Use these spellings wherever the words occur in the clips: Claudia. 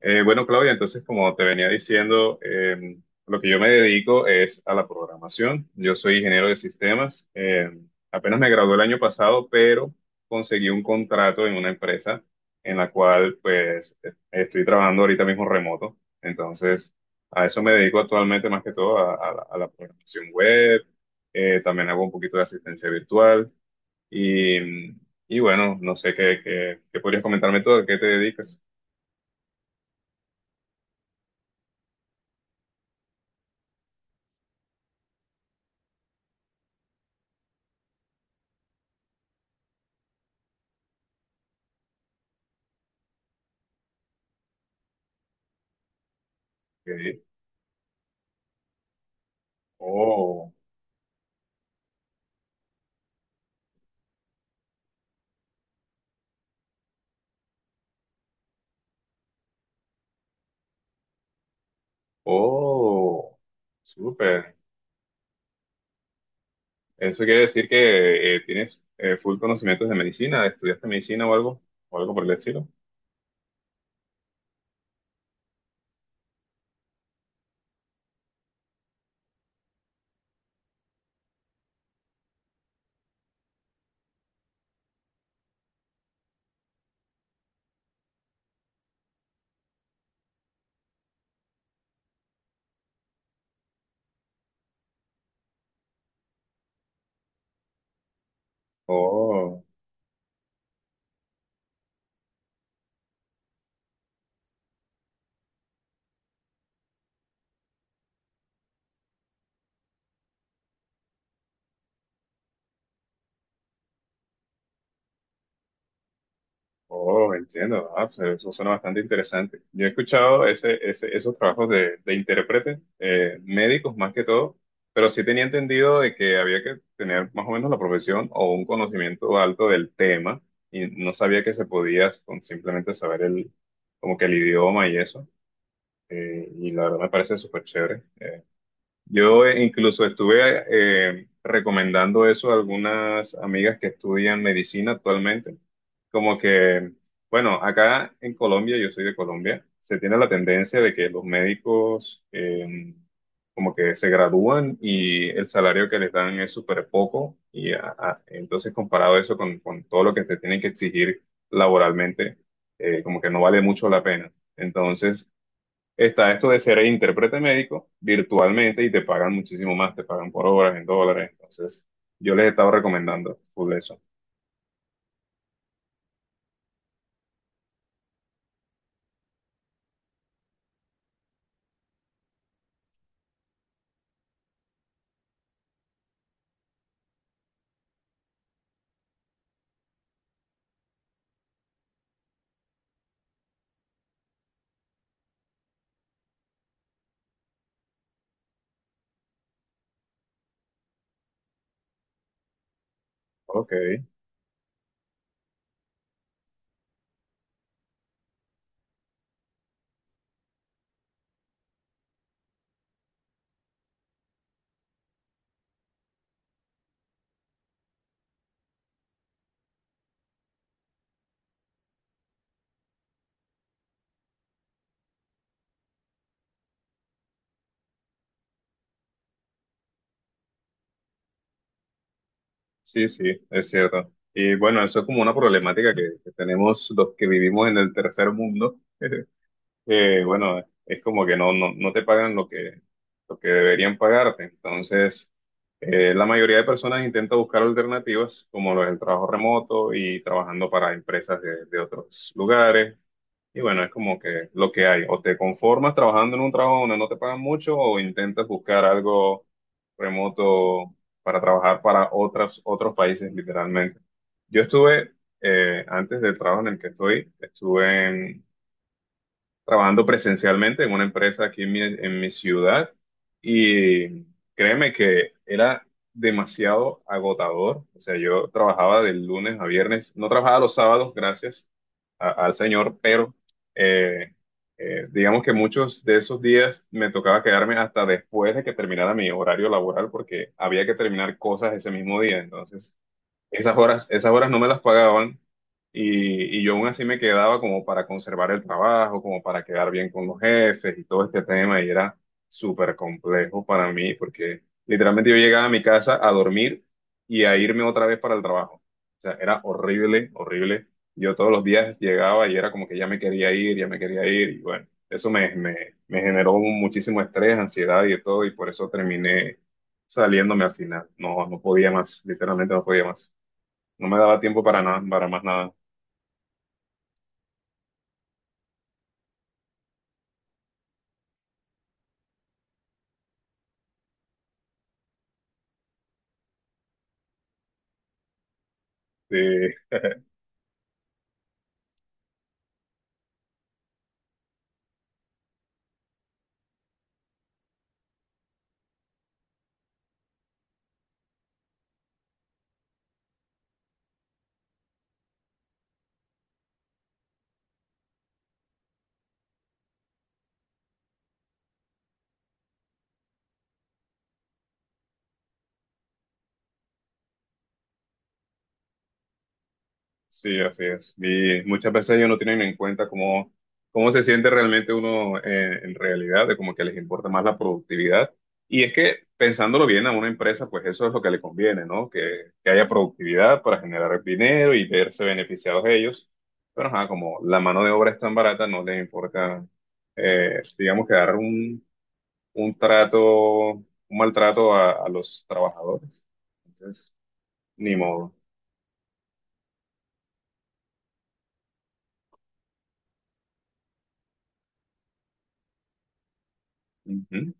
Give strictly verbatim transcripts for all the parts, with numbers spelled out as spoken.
Eh, bueno, Claudia, entonces, como te venía diciendo, eh, lo que yo me dedico es a la programación. Yo soy ingeniero de sistemas. Eh, apenas me gradué el año pasado, pero conseguí un contrato en una empresa en la cual, pues, eh, estoy trabajando ahorita mismo remoto. Entonces, a eso me dedico actualmente más que todo a, a la, a la programación web. Eh, también hago un poquito de asistencia virtual. Y, y bueno, no sé qué, qué, qué podrías comentarme todo, ¿a qué te dedicas? Ok. Oh. Oh, súper. Eso quiere decir que eh, tienes eh, full conocimientos de medicina, ¿estudiaste medicina o algo, o algo por el estilo? Oh, oh, entiendo. Ah, pues eso suena bastante interesante. Yo he escuchado ese, ese, esos trabajos de, de intérprete, eh, médicos más que todo, pero sí tenía entendido de que había que tener más o menos la profesión o un conocimiento alto del tema y no sabía que se podía con simplemente saber el, como que el idioma y eso. Eh, y la verdad me parece súper chévere. Yo eh, incluso estuve eh, recomendando eso a algunas amigas que estudian medicina actualmente. Como que, bueno, acá en Colombia, yo soy de Colombia, se tiene la tendencia de que los médicos eh, como que se gradúan y el salario que les dan es súper poco. Y a- a- entonces comparado eso con, con todo lo que te tienen que exigir laboralmente, eh, como que no vale mucho la pena. Entonces, está esto de ser intérprete médico virtualmente y te pagan muchísimo más, te pagan por horas en dólares. Entonces, yo les he estado recomendando full eso. Ok, sí, sí, es cierto. Y bueno, eso es como una problemática que, que tenemos los que vivimos en el tercer mundo. Eh, bueno, es como que no, no, no te pagan lo que, lo que deberían pagarte. Entonces, eh, la mayoría de personas intenta buscar alternativas como lo del trabajo remoto y trabajando para empresas de, de otros lugares. Y bueno, es como que lo que hay, o te conformas trabajando en un trabajo donde no te pagan mucho o intentas buscar algo remoto para trabajar para otras, otros países, literalmente. Yo estuve, eh, antes del trabajo en el que estoy, estuve en trabajando presencialmente en una empresa aquí en mi, en mi ciudad y créeme que era demasiado agotador. O sea, yo trabajaba del lunes a viernes, no trabajaba los sábados, gracias a- al Señor, pero eh, eh, digamos que muchos de esos días me tocaba quedarme hasta después de que terminara mi horario laboral porque había que terminar cosas ese mismo día. Entonces, esas horas, esas horas no me las pagaban y, y yo aún así me quedaba como para conservar el trabajo, como para quedar bien con los jefes y todo este tema y era súper complejo para mí porque literalmente yo llegaba a mi casa a dormir y a irme otra vez para el trabajo. O sea, era horrible, horrible. Yo todos los días llegaba y era como que ya me quería ir, ya me quería ir y bueno, eso me, me, me generó muchísimo estrés, ansiedad y de todo y por eso terminé saliéndome al final. No, no podía más, literalmente no podía más. No me daba tiempo para nada, para más nada. Sí, sí, así es. Y muchas veces ellos no tienen en cuenta cómo, cómo se siente realmente uno eh, en realidad, de como que les importa más la productividad. Y es que pensándolo bien a una empresa, pues eso es lo que le conviene, ¿no? Que, que haya productividad para generar dinero y verse beneficiados ellos. Pero ajá, como la mano de obra es tan barata, no les importa, eh, digamos, que dar un, un trato, un maltrato a, a los trabajadores. Entonces, ni modo. Ujú,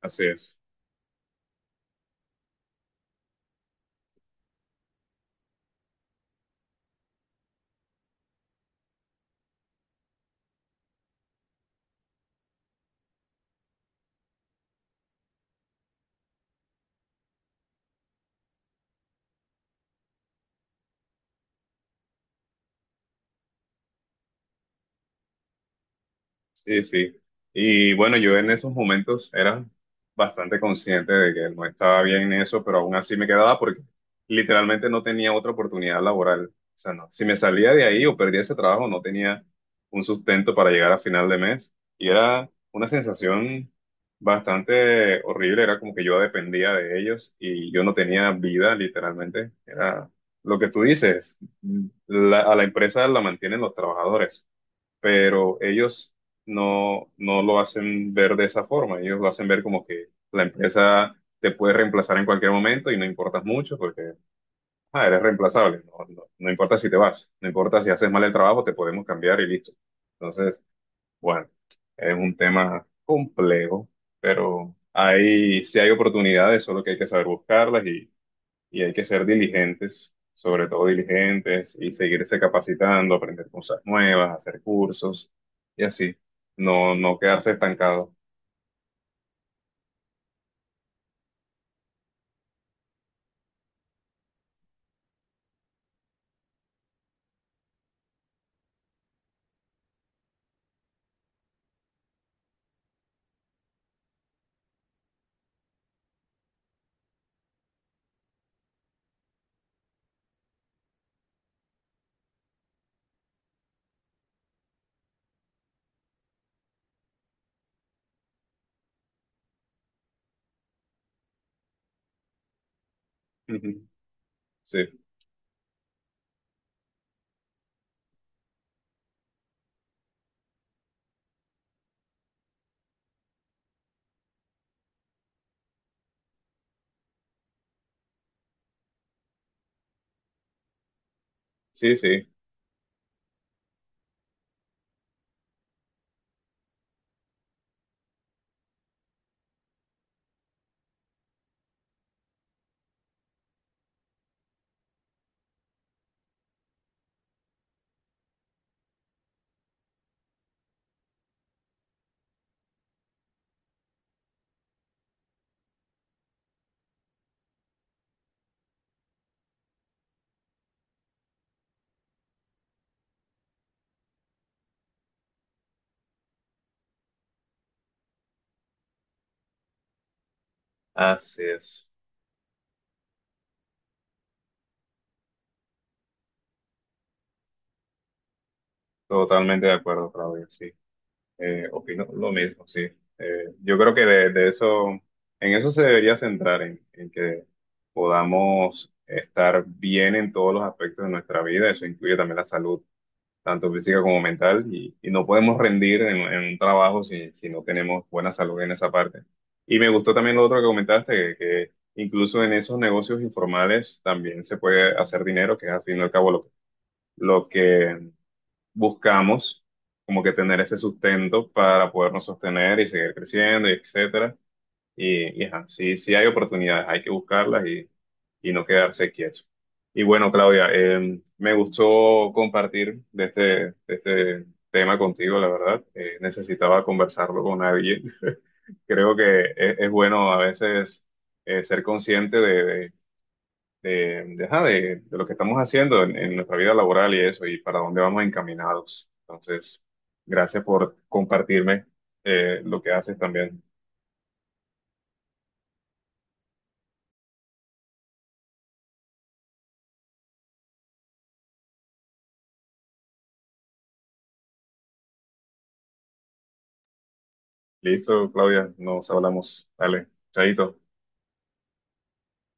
así es. Sí, sí. Y bueno, yo en esos momentos era bastante consciente de que no estaba bien en eso, pero aún así me quedaba porque literalmente no tenía otra oportunidad laboral. O sea, no. Si me salía de ahí o perdía ese trabajo, no tenía un sustento para llegar a final de mes. Y era una sensación bastante horrible. Era como que yo dependía de ellos y yo no tenía vida, literalmente. Era lo que tú dices. La- a la empresa la mantienen los trabajadores. Pero ellos no, no lo hacen ver de esa forma, ellos lo hacen ver como que la empresa te puede reemplazar en cualquier momento y no importas mucho porque ah, eres reemplazable, no, no, no importa si te vas, no importa si haces mal el trabajo, te podemos cambiar y listo. Entonces, bueno, es un tema complejo, pero ahí sí hay oportunidades, solo que hay que saber buscarlas y hay que ser diligentes, sobre todo diligentes, y seguirse capacitando, aprender cosas nuevas, hacer cursos y así, no, no quedarse estancado. Ujú. Sí, sí, sí, así es. Totalmente de acuerdo, Claudia, sí. Eh, opino lo mismo, sí. Eh, yo creo que de, de eso, en eso se debería centrar, en, en que podamos estar bien en todos los aspectos de nuestra vida, eso incluye también la salud tanto física como mental, y, y no podemos rendir en, en un trabajo si, si no tenemos buena salud en esa parte. Y me gustó también lo otro que comentaste, que, que incluso en esos negocios informales también se puede hacer dinero, que es al fin y al cabo lo, lo que buscamos, como que tener ese sustento para podernos sostener y seguir creciendo, y etcétera. Y, y ajá, sí, sí hay oportunidades, hay que buscarlas y, y no quedarse quieto. Y bueno, Claudia, eh, me gustó compartir de este, de este tema contigo, la verdad. Eh, necesitaba conversarlo con alguien. Creo que es, es bueno a veces eh, ser consciente de, de, de- de, ajá, de- de lo que estamos haciendo en, en nuestra vida laboral y eso, y para dónde vamos encaminados. Entonces, gracias por compartirme eh, lo que haces también. Listo, Claudia, nos hablamos. Dale, chaito.